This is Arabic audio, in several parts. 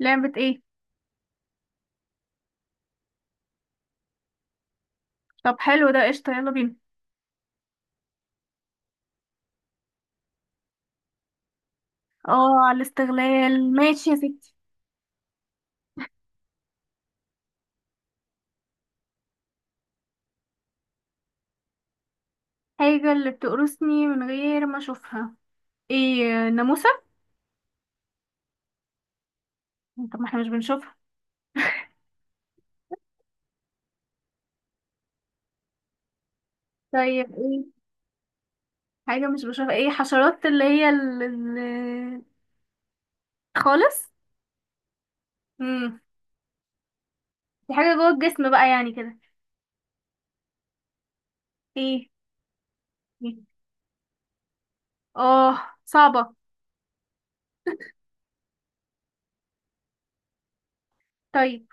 لعبة ايه؟ طب حلو ده، قشطة، يلا بينا. اه، على الاستغلال ماشي يا ستي. حاجة اللي بتقرصني من غير ما اشوفها؟ ايه، ناموسة. طب ما احنا مش بنشوفها. طيب ايه؟ حاجة مش بشوفها، ايه؟ حشرات اللي هي خالص امم دي حاجة جوه الجسم بقى يعني كده. ايه؟ ايه؟ اه، صعبة. طيب،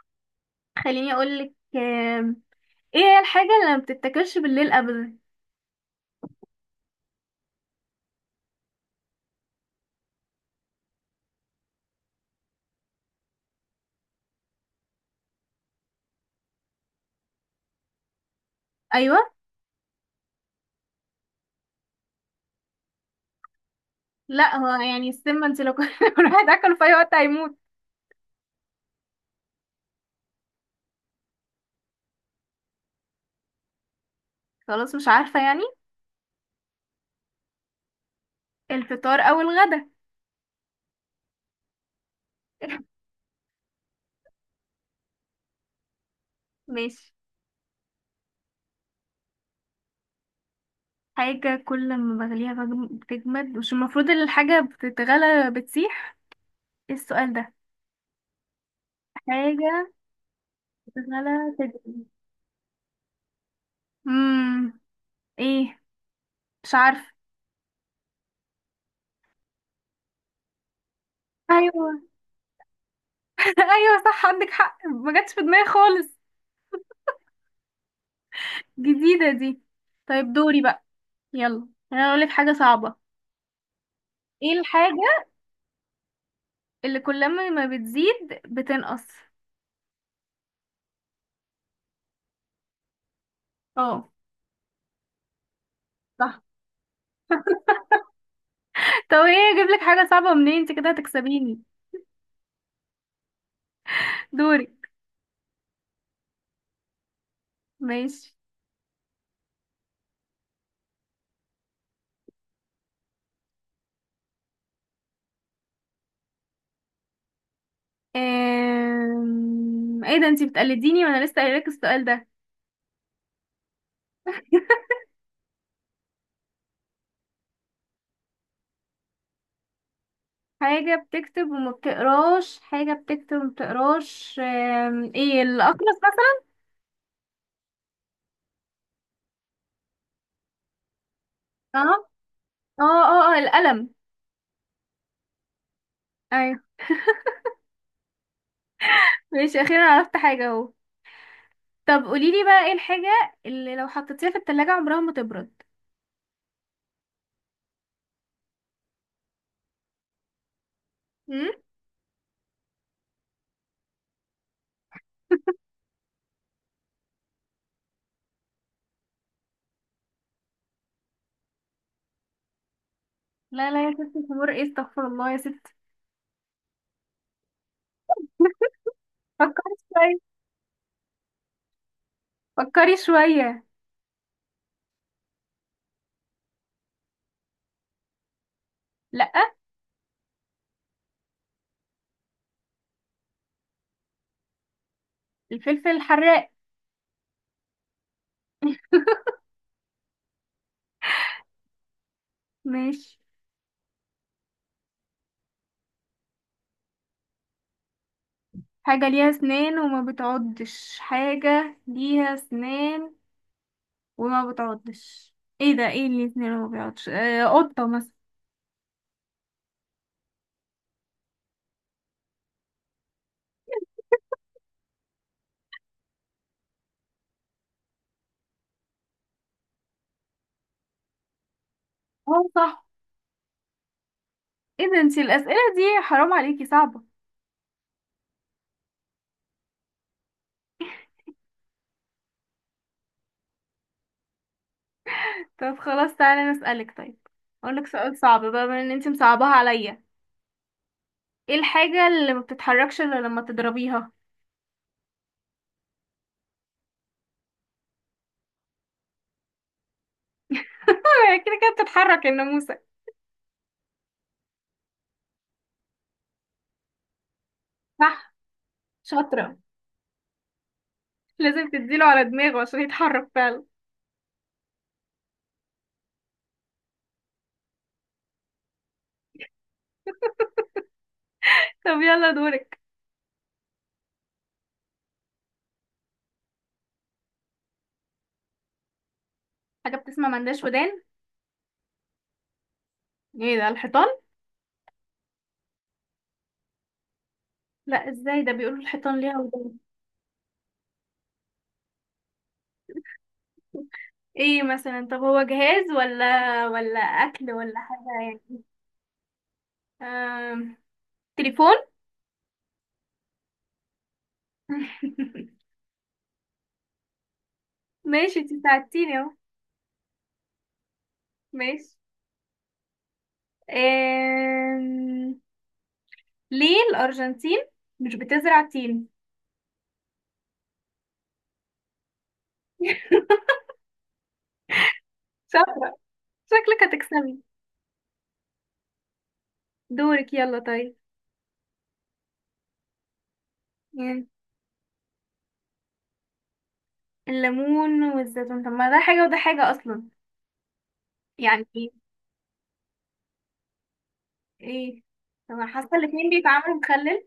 خليني اقولك، ايه هي الحاجة اللي ما بتتاكلش بالليل ابدا؟ ايوه. لا، هو يعني السم انت لو كل واحد اكله في اي وقت هيموت. خلاص مش عارفة يعني. الفطار أو الغدا. ماشي. حاجة كل ما بغليها بتجمد؟ مش المفروض إن الحاجة بتتغلى بتسيح؟ ايه السؤال ده؟ حاجة بتتغلى تجمد. مم. ايه؟ مش عارفة. ايوه. ايوه صح، عندك حق، ما جاتش في دماغي خالص، جديدة دي. طيب دوري بقى. يلا انا اقولك حاجة صعبة. ايه الحاجة اللي كل ما بتزيد بتنقص؟ اه صح. طب ايه، اجيب لك حاجة صعبة منين؟ انت كده هتكسبيني. دوري. ماشي. ايه ده، انتي بتقلديني وانا لسه قايلك السؤال ده. حاجة بتكتب وما بتقراش؟ حاجة بتكتب وما بتقراش، ايه، الأقرص مثلا؟ اه اه، اه اه، القلم. ايوه. ماشي، اخيرا عرفت حاجة اهو. طب قوليلي بقى، ايه الحاجة اللي لو حطيتيها في التلاجة عمرها ما تبرد؟ مم؟ لا لا يا ستي، الأمور ايه، استغفر الله يا ستي. فكري شوية، فكري شوية. لأ. الفلفل الحراق. ماشي. حاجة ليها اسنان وما بتعضش؟ حاجة ليها اسنان وما بتعضش، ايه ده؟ ايه اللي اسنان وما بيعضش؟ قطة مثلا؟ اه صح. ايه ده، انتي الأسئلة دي حرام عليكي، صعبة. طب خلاص، تعالى نسألك طيب. اقولك سؤال صعب بقى بما ان انتي مصعباها عليا. ايه الحاجة اللي ما بتتحركش الا لما تضربيها؟ كده كده بتتحرك يا ناموسة. صح. شاطرة. لازم تديله على دماغه عشان يتحرك فعلا. طب يلا دورك. حاجة بتسمع ملهاش ودان، ايه ده؟ الحيطان. لا، ازاي ده، بيقولوا الحيطان ليها ودان. ايه مثلا؟ طب هو جهاز ولا اكل ولا حاجة يعني؟ آم... تليفون. ماشي، انت ساعدتيني اهو. ماشي. آم... ليه الارجنتين مش بتزرع تين؟ شاطرة، شكلك هتكسبي. دورك يلا طيب. مم. الليمون والزيتون، طب ما ده حاجة وده حاجة اصلا يعني. ايه؟ طب انا حاسة الاتنين بيتعاملوا مخلل.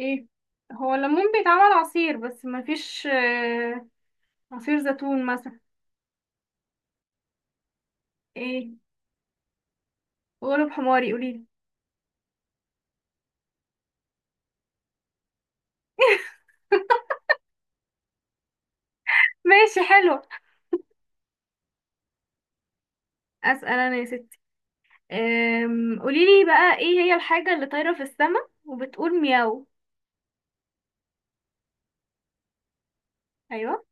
ايه؟ هو الليمون بيتعمل عصير بس مفيش، عصير زيتون مثلا. ايه؟ قولوا حماري، قوليلي. ماشي حلو. اسأل انا يا ستي. قوليلي بقى، ايه هي الحاجة اللي طايرة في السماء وبتقول مياو؟ ايوه.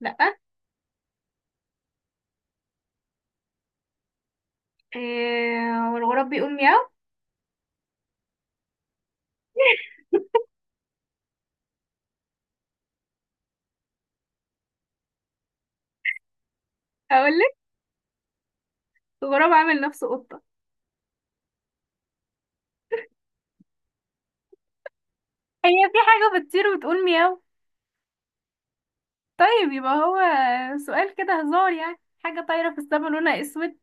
لا. إيه، والغراب بيقول مياو؟ هقولك، الغراب عامل نفسه قطة. هي في حاجة بتطير وبتقول مياو؟ طيب يبقى هو سؤال كده هزار يعني. حاجة طايرة في السماء لونها اسود.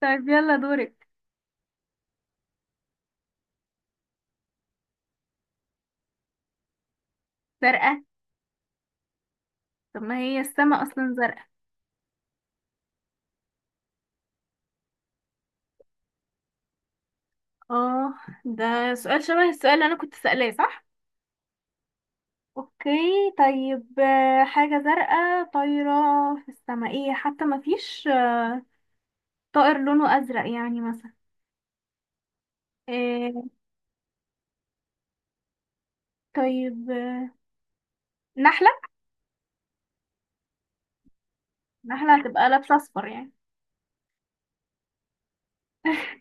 طيب يلا دورك. زرقاء؟ طب ما هي السماء اصلا زرقاء. اه، ده سؤال شبه السؤال اللي انا كنت سألاه، صح؟ اوكي. طيب حاجة زرقاء طايرة في السماء، ايه؟ حتى ما فيش، طائر لونه ازرق يعني مثلا. إيه؟ طيب، نحلة. نحلة هتبقى لابسة اصفر يعني.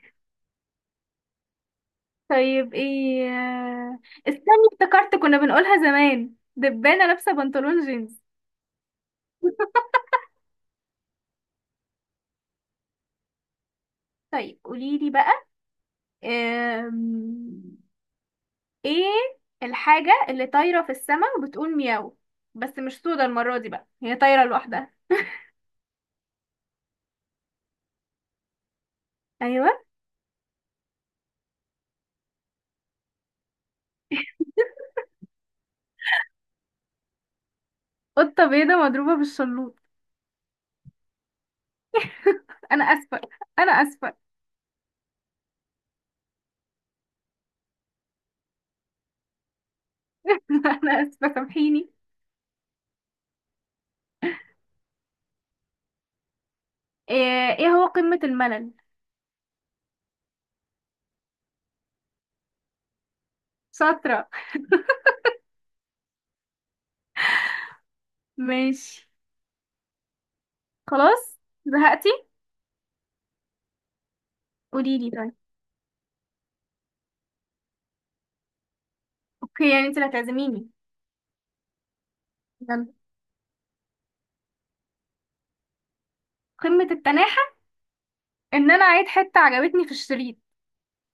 طيب ايه، استني، افتكرت، كنا بنقولها زمان، دبانة لابسة بنطلون جينز. طيب قوليلي بقى، آم، ايه الحاجة اللي طايرة في السماء وبتقول مياو بس مش سودة المرة دي بقى، هي طايرة لوحدها؟ ايوه. قطة بيضة مضروبة بالشلوط. انا اسفة، انا اسفة. انا اسفة سامحيني. ايه؟ إيه هو قمة الملل؟ شاطرة. ماشي. خلاص. زهقتي؟ قوليلي طيب. اوكي، يعني انت اللي هتعزميني. يلا. قمة التناحة؟ ان انا عيد حتة عجبتني في الشريط.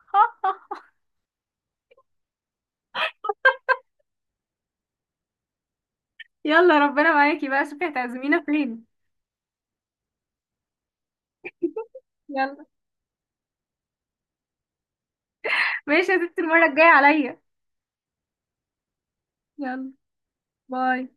يلا ربنا معاكي بقى، شوفي هتعزمينا فين. يلا. ماشي يا ستي، المرة الجاية عليا. يلا. باي.